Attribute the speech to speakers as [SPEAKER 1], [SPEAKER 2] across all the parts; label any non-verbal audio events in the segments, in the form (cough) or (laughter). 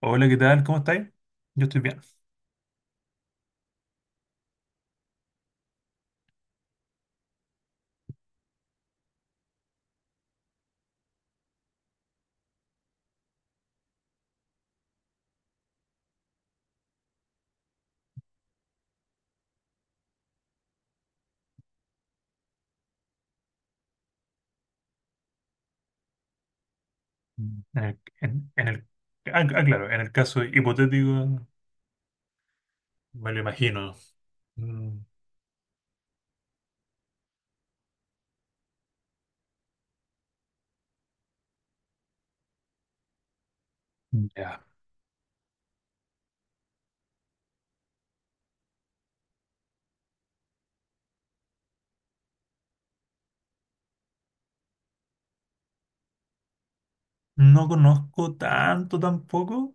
[SPEAKER 1] Hola, ¿qué tal? ¿Cómo estáis? Yo estoy bien. Mm. En el, claro, en el caso hipotético, me lo imagino. Mm, ya. No conozco tanto tampoco.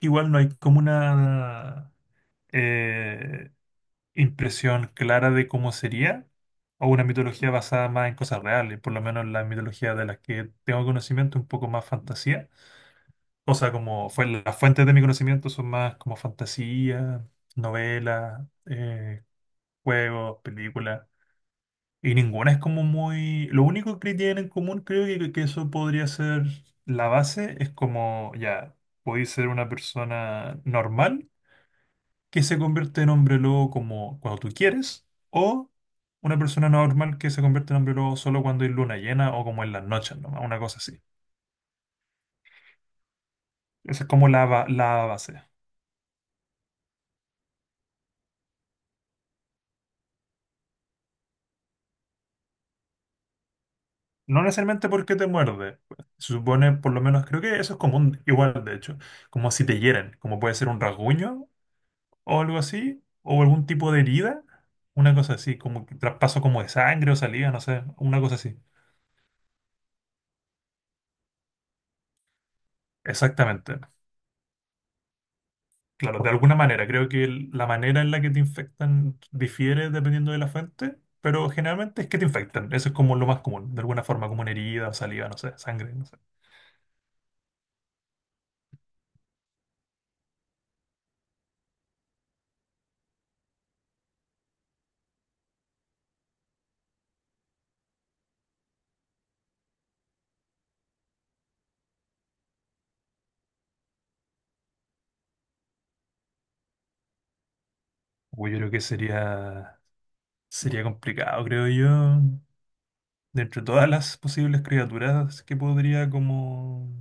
[SPEAKER 1] Igual no hay como una eh, impresión clara de cómo sería o una mitología basada más en cosas reales, por lo menos la mitología de las que tengo conocimiento, un poco más fantasía. O sea, como fue, las fuentes de mi conocimiento son más como fantasía, novelas, juegos, películas. Y ninguna es como muy... Lo único que tienen en común, creo que eso podría ser la base, es como, ya, podéis ser una persona normal que se convierte en hombre lobo como cuando tú quieres, o una persona normal que se convierte en hombre lobo solo cuando hay luna llena o como en las noches, nomás, una cosa así. Esa es como la, la base. No necesariamente porque te muerde. Se supone, por lo menos, creo que eso es común, igual de hecho, como si te hieren, como puede ser un rasguño o algo así, o algún tipo de herida, una cosa así, como que traspaso como de sangre o salida, no sé, una cosa así. Exactamente. Claro, de alguna manera, creo que la manera en la que te infectan difiere dependiendo de la fuente, pero generalmente es que te infectan. Eso es como lo más común, de alguna forma, como una herida, saliva, no sé, sangre, no sé. Uy, yo creo que sería, sería complicado, creo yo. De entre todas las posibles criaturas que podría, como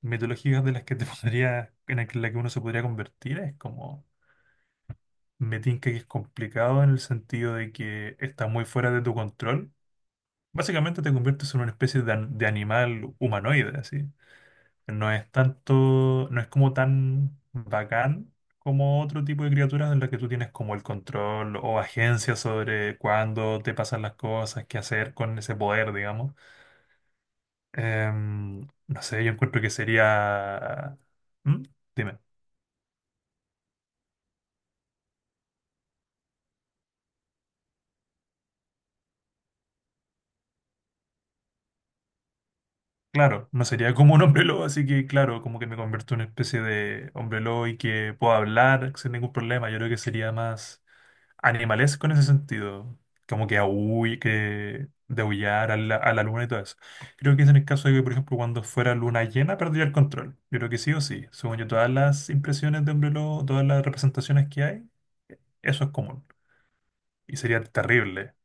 [SPEAKER 1] mitológicas de las que te (laughs) podría, en la que uno se podría convertir, es como, me tinca que es complicado en el sentido de que está muy fuera de tu control. Básicamente te conviertes en una especie de, de animal humanoide, así. No es tanto, no es como tan bacán como otro tipo de criaturas en las que tú tienes como el control o agencia sobre cuándo te pasan las cosas, qué hacer con ese poder, digamos. No sé, yo encuentro que sería... ¿Mm? Dime. Claro, no sería como un hombre lobo, así que claro, como que me convierto en una especie de hombre lobo y que puedo hablar sin ningún problema. Yo creo que sería más animales con ese sentido, como que ahuy que deullar a la luna y todo eso. Creo que es en el caso de que por ejemplo cuando fuera luna llena perder el control, yo creo que sí o sí. Según yo, todas las impresiones de hombre lobo, todas las representaciones que hay, eso es común y sería terrible.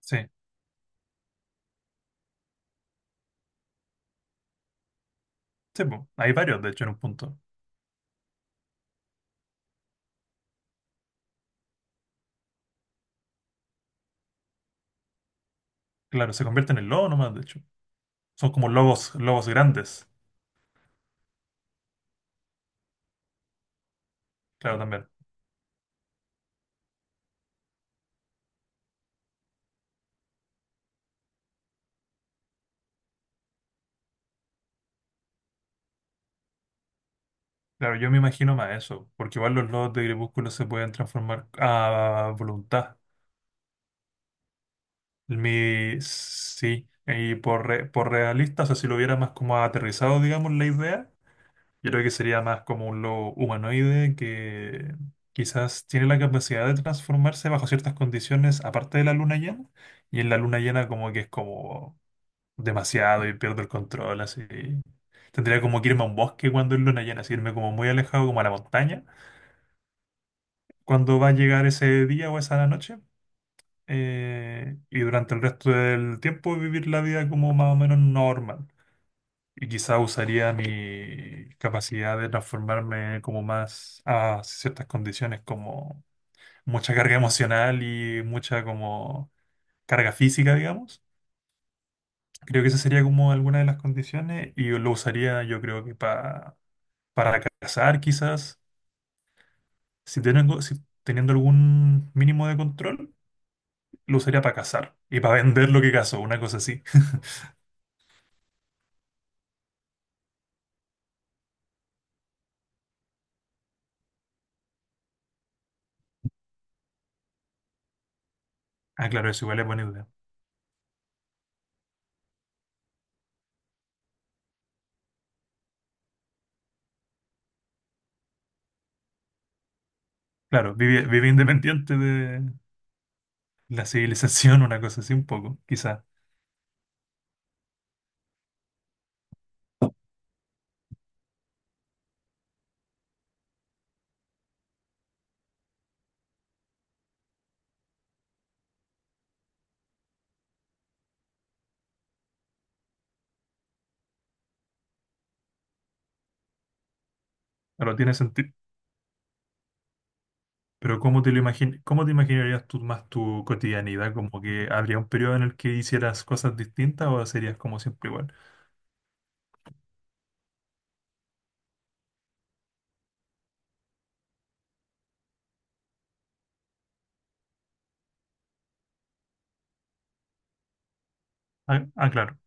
[SPEAKER 1] Sí, sí, bueno, hay varios de hecho en un punto. Claro, se convierten en lobos no más de hecho, son como lobos lobos grandes. Claro, también. Claro, yo me imagino más eso, porque igual los lobos de gribucho se pueden transformar a voluntad. Mi, sí, y por, por realista, o sea, si lo hubiera más como aterrizado, digamos, la idea, yo creo que sería más como un lobo humanoide que quizás tiene la capacidad de transformarse bajo ciertas condiciones, aparte de la luna llena, y en la luna llena como que es como demasiado y pierdo el control, así. Tendría como que irme a un bosque cuando es luna llena, así irme como muy alejado, como a la montaña, cuando va a llegar ese día o esa noche. Y durante el resto del tiempo vivir la vida como más o menos normal. Y quizá usaría mi capacidad de transformarme como más a ciertas condiciones, como mucha carga emocional y mucha como carga física, digamos. Creo que esa sería como alguna de las condiciones y lo usaría yo creo que para cazar quizás. Si tengo, si teniendo algún mínimo de control, lo usaría para cazar y para vender lo que cazo, una cosa así. (laughs) Ah, claro, eso igual es buena idea. Claro, vive, vive independiente de la civilización, una cosa así un poco, quizás. Pero tiene sentido. Pero ¿cómo te lo cómo te imaginarías tú más tu cotidianidad? ¿Como que habría un periodo en el que hicieras cosas distintas o serías como siempre igual? Claro,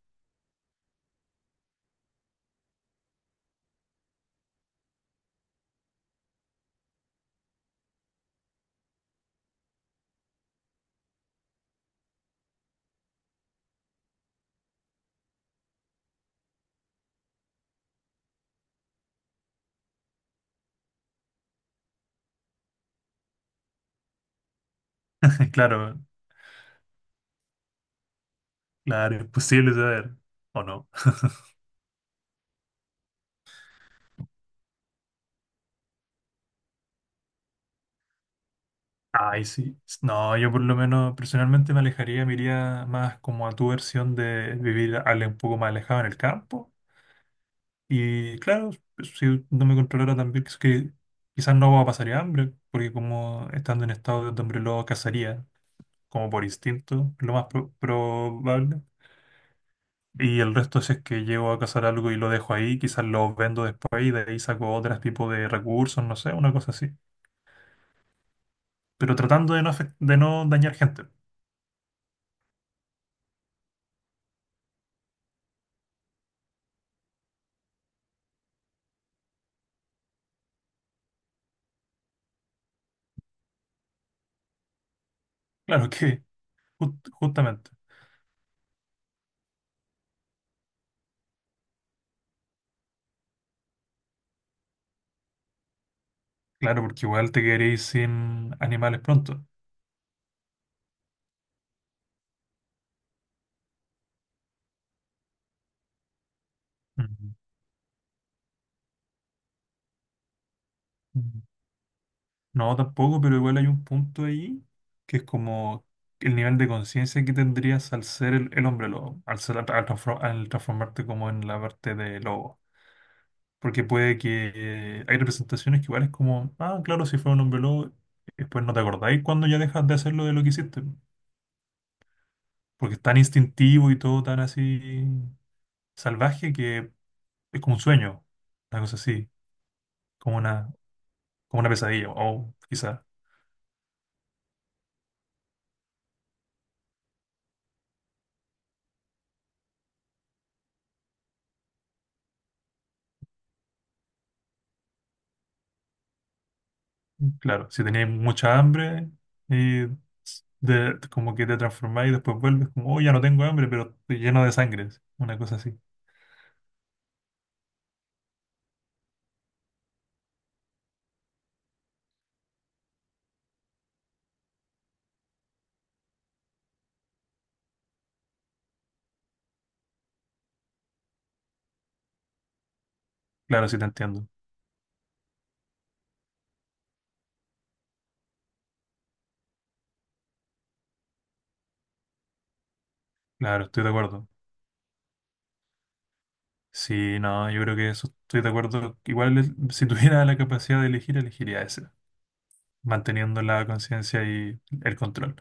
[SPEAKER 1] (laughs) claro, claro, imposible saber, ¿o no? Ay, sí. No, yo por lo menos personalmente me alejaría, me iría más como a tu versión de vivir un poco más alejado en el campo. Y claro, pues, si no me controlara también, que quizás no pasaría hambre, porque como estando en estado de hambre lo cazaría, como por instinto, lo más probable. Y el resto, si es que llego a cazar algo y lo dejo ahí, quizás lo vendo después y de ahí saco otro tipo de recursos, no sé, una cosa así. Pero tratando de no, de no dañar gente. Claro que, justamente. Claro, porque igual te quedaréis sin animales pronto. Ujú. No, tampoco, pero igual hay un punto ahí que es como el nivel de conciencia que tendrías al ser el hombre lobo, al, al transformarte como en la parte de lobo. Porque puede que hay representaciones que igual es como, ah, claro, si fue un hombre lobo, después no te acordáis cuando ya dejas de hacerlo de lo que hiciste. Porque es tan instintivo y todo tan así salvaje, que es como un sueño, una cosa así, como una, como una pesadilla, o quizás. Claro, si tenías mucha hambre y de, como que te transformáis y después vuelves como, oh, ya no tengo hambre, pero estoy lleno de sangre. Una cosa así. Claro, sí te entiendo. Claro, estoy de acuerdo. Sí, no, yo creo que eso estoy de acuerdo. Igual es- si tuviera la capacidad de elegir, elegiría ese, manteniendo la conciencia y el control.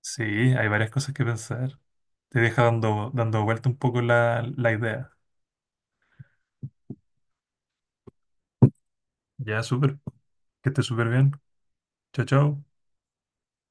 [SPEAKER 1] Sí, hay varias cosas que pensar. Te deja dando, dando vuelta un poco la, la idea. Ya, súper. Que estés súper bien. Chao, chao.